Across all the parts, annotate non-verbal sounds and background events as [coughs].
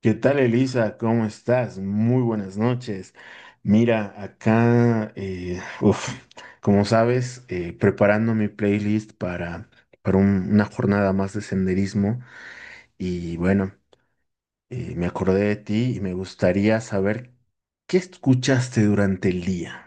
¿Qué tal, Elisa? ¿Cómo estás? Muy buenas noches. Mira, acá, uf, como sabes, preparando mi playlist para una jornada más de senderismo y bueno, me acordé de ti y me gustaría saber qué escuchaste durante el día.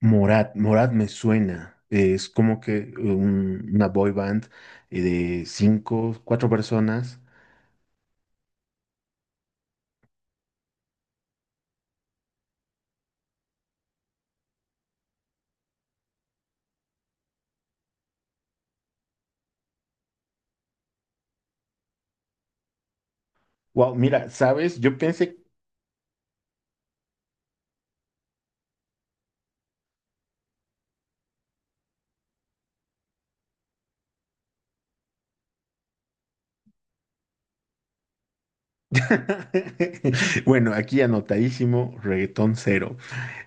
Morat, Morat me suena, es como que una boy band de cinco, cuatro personas. Wow, mira, ¿sabes? Yo pensé. [laughs] Bueno, aquí anotadísimo, reggaetón cero.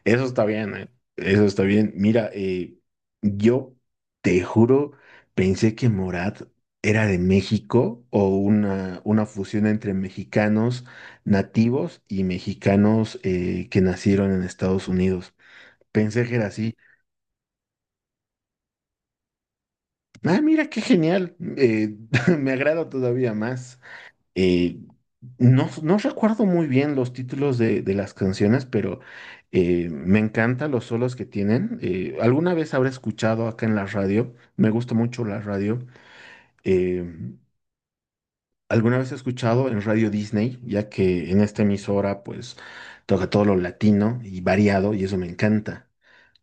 Eso está bien, ¿eh? Eso está bien. Mira, yo te juro, pensé que Morat era de México o una fusión entre mexicanos nativos y mexicanos que nacieron en Estados Unidos. Pensé que era así. Ah, mira, qué genial. [laughs] Me agrada todavía más. eh, no recuerdo muy bien los títulos de las canciones, pero me encantan los solos que tienen. Alguna vez habré escuchado acá en la radio, me gusta mucho la radio. eh, alguna vez he escuchado en Radio Disney, ya que en esta emisora pues toca todo lo latino y variado y eso me encanta.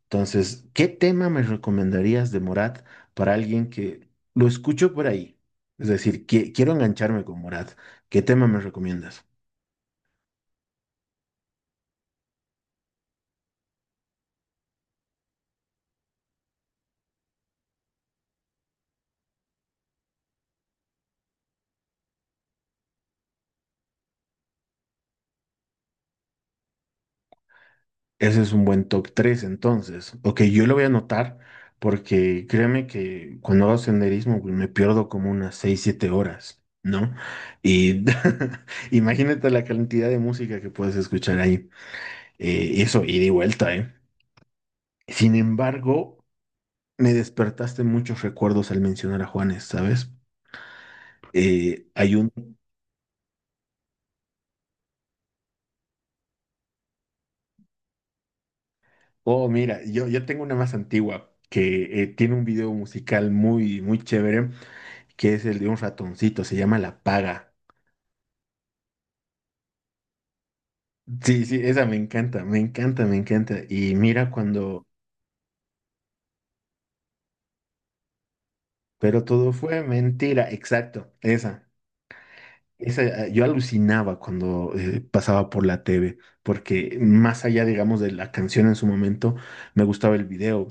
Entonces, ¿qué tema me recomendarías de Morat para alguien que lo escucho por ahí? Es decir, quiero engancharme con Morat. ¿Qué tema me recomiendas? Ese es un buen top 3, entonces. Ok, yo lo voy a anotar porque créeme que cuando hago senderismo güey, me pierdo como unas 6 7 horas, ¿no? Y [laughs] imagínate la cantidad de música que puedes escuchar ahí. Y eso, ida y vuelta, ¿eh? Sin embargo, me despertaste muchos recuerdos al mencionar a Juanes, ¿sabes? Hay un... Oh, mira, yo tengo una más antigua que tiene un video musical muy chévere que es el de un ratoncito, se llama La Paga. Sí, sí, esa me encanta, me encanta, me encanta. Y mira cuando, pero todo fue mentira, exacto, esa. Esa, yo alucinaba cuando pasaba por la TV, porque más allá, digamos, de la canción en su momento, me gustaba el video.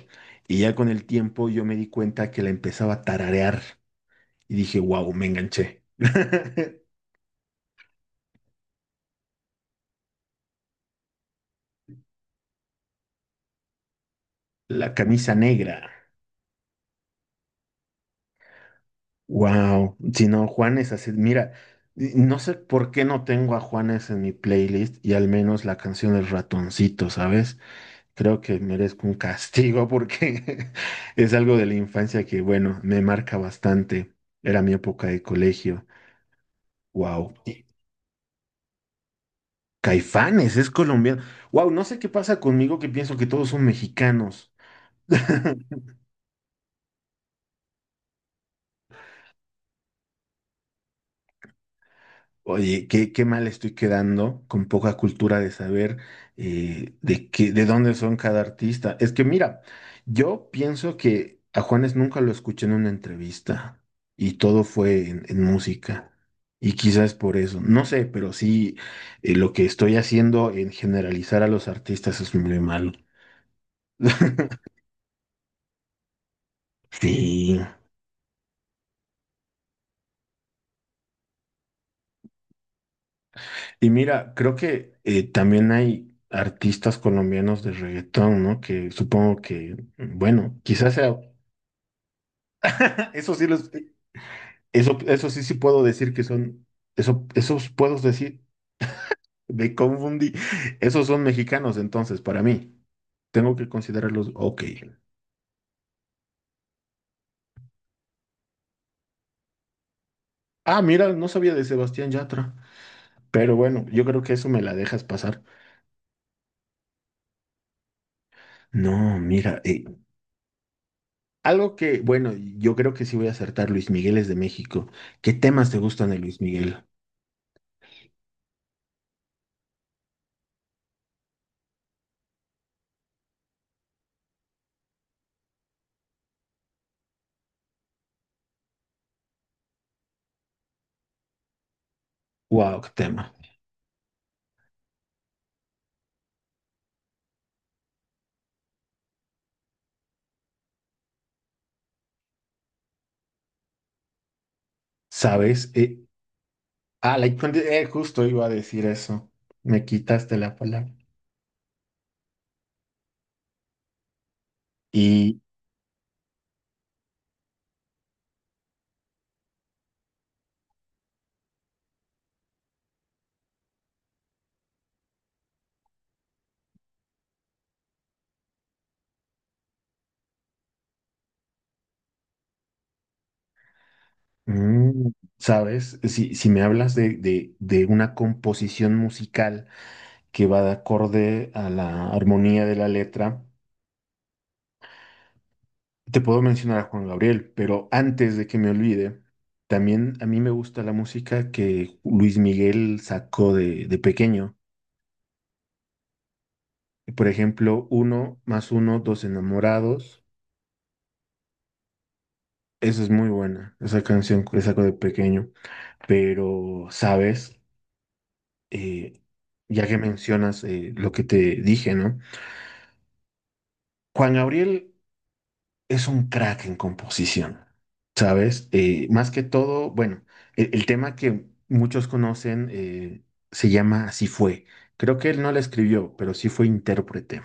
Y ya con el tiempo yo me di cuenta que la empezaba a tararear y dije, wow, me enganché. [laughs] La camisa negra. Wow, si no, Juanes, así, mira, y no sé por qué no tengo a Juanes en mi playlist y al menos la canción del ratoncito, ¿sabes? Creo que merezco un castigo porque [laughs] es algo de la infancia que, bueno, me marca bastante. Era mi época de colegio. Wow. Caifanes, es colombiano. Wow, no sé qué pasa conmigo que pienso que todos son mexicanos. [laughs] Oye, qué mal estoy quedando con poca cultura de saber de qué, de dónde son cada artista. Es que mira, yo pienso que a Juanes nunca lo escuché en una entrevista y todo fue en música. Y quizás por eso, no sé, pero sí, lo que estoy haciendo en generalizar a los artistas es muy malo. [laughs] Sí. Y mira, creo que también hay artistas colombianos de reggaetón, ¿no? Que supongo que, bueno, quizás sea, [coughs] [laughs] eso sí los, eso sí sí puedo decir que son, eso, esos puedo decir, me confundí, [laughs] esos son mexicanos entonces, para mí, tengo que considerarlos, ok. Ah, mira, no sabía de Sebastián Yatra, pero bueno, yo creo que eso me la dejas pasar. No, mira, algo que, bueno, yo creo que sí voy a acertar, Luis Miguel es de México. ¿Qué temas te gustan de Luis Miguel? Wow, qué tema. ¿Sabes? Ah, justo iba a decir eso. Me quitaste la palabra. Y, mm, ¿sabes? Si, si me hablas de una composición musical que va de acorde a la armonía de la letra, te puedo mencionar a Juan Gabriel, pero antes de que me olvide, también a mí me gusta la música que Luis Miguel sacó de pequeño. Por ejemplo, Uno más uno, dos enamorados. Esa es muy buena, esa canción que saco de pequeño. Pero, ¿sabes? Eh, ya que mencionas lo que te dije, ¿no? Juan Gabriel es un crack en composición, ¿sabes? Más que todo, bueno, el tema que muchos conocen se llama Así fue. Creo que él no la escribió, pero sí fue intérprete.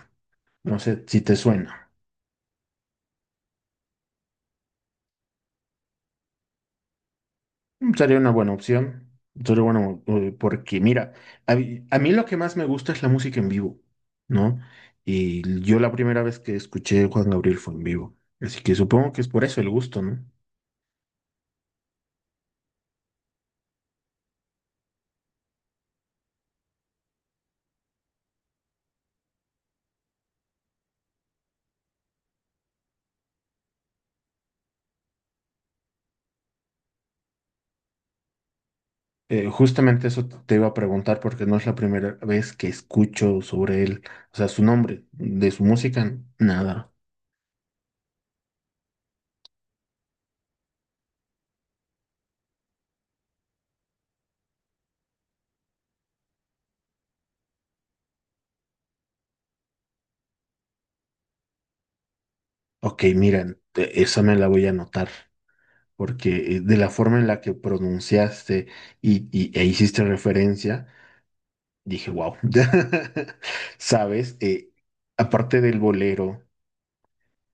No sé si te suena. Mm, sería una buena opción. Sería bueno, porque mira, a mí lo que más me gusta es la música en vivo, ¿no? Y yo la primera vez que escuché Juan Gabriel fue en vivo. Así que supongo que es por eso el gusto, ¿no? Justamente eso te iba a preguntar porque no es la primera vez que escucho sobre él, o sea, su nombre, de su música, nada. Ok, miren, esa me la voy a anotar, porque de la forma en la que pronunciaste e hiciste referencia. Dije, wow. [laughs] ¿Sabes? Aparte del bolero,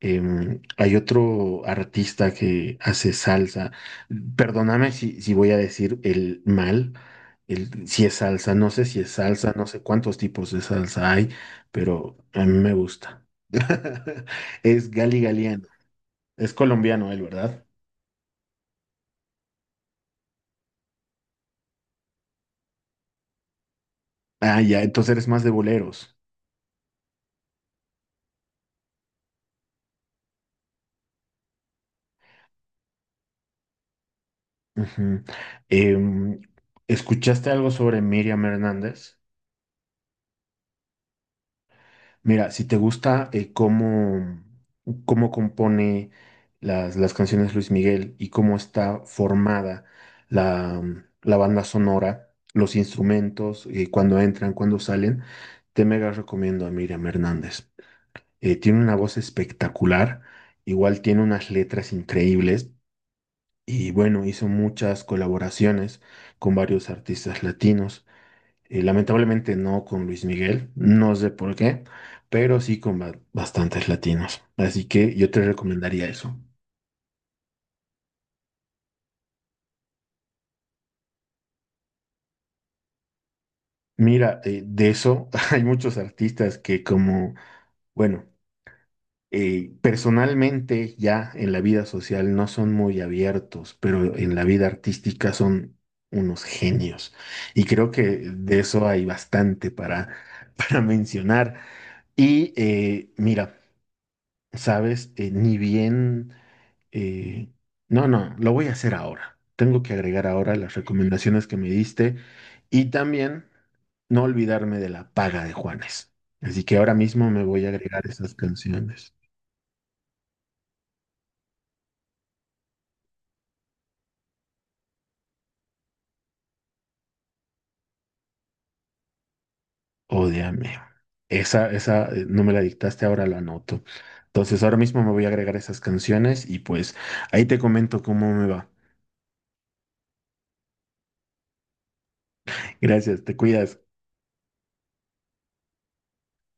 em, hay otro artista que hace salsa. Perdóname si, si voy a decir el mal, el, si es salsa, no sé si es salsa, no sé cuántos tipos de salsa hay, pero a mí me gusta. [laughs] Es Gali Galiano. Es colombiano él, ¿verdad? Ah, ya, entonces eres más de boleros. Ujú. Em, ¿escuchaste algo sobre Miriam Hernández? Mira, si te gusta cómo, cómo compone las canciones Luis Miguel y cómo está formada la, mm, la banda sonora, los instrumentos, cuando entran, cuando salen, te mega recomiendo a Miriam Hernández. Tiene una voz espectacular, igual tiene unas letras increíbles y bueno, hizo muchas colaboraciones con varios artistas latinos. Lamentablemente no con Luis Miguel, no sé por qué, pero sí con bastantes latinos. Así que yo te recomendaría eso. Mira, de eso [laughs] hay muchos artistas que como, bueno, personalmente ya en la vida social no son muy abiertos, pero en la vida artística son unos genios. Y creo que de eso hay bastante para, [laughs] para mencionar. Y mira. ¿Sabes? Ni bien... eh, no, no, lo voy a hacer ahora. Tengo que agregar ahora las recomendaciones que me diste y también no olvidarme de la paga de Juanes. Así que ahora mismo me voy a agregar esas canciones. Ódeame. Esa, no me la dictaste, ahora la anoto. Entonces ahora mismo me voy a agregar esas canciones y pues ahí te comento cómo me va. Gracias, te cuidas.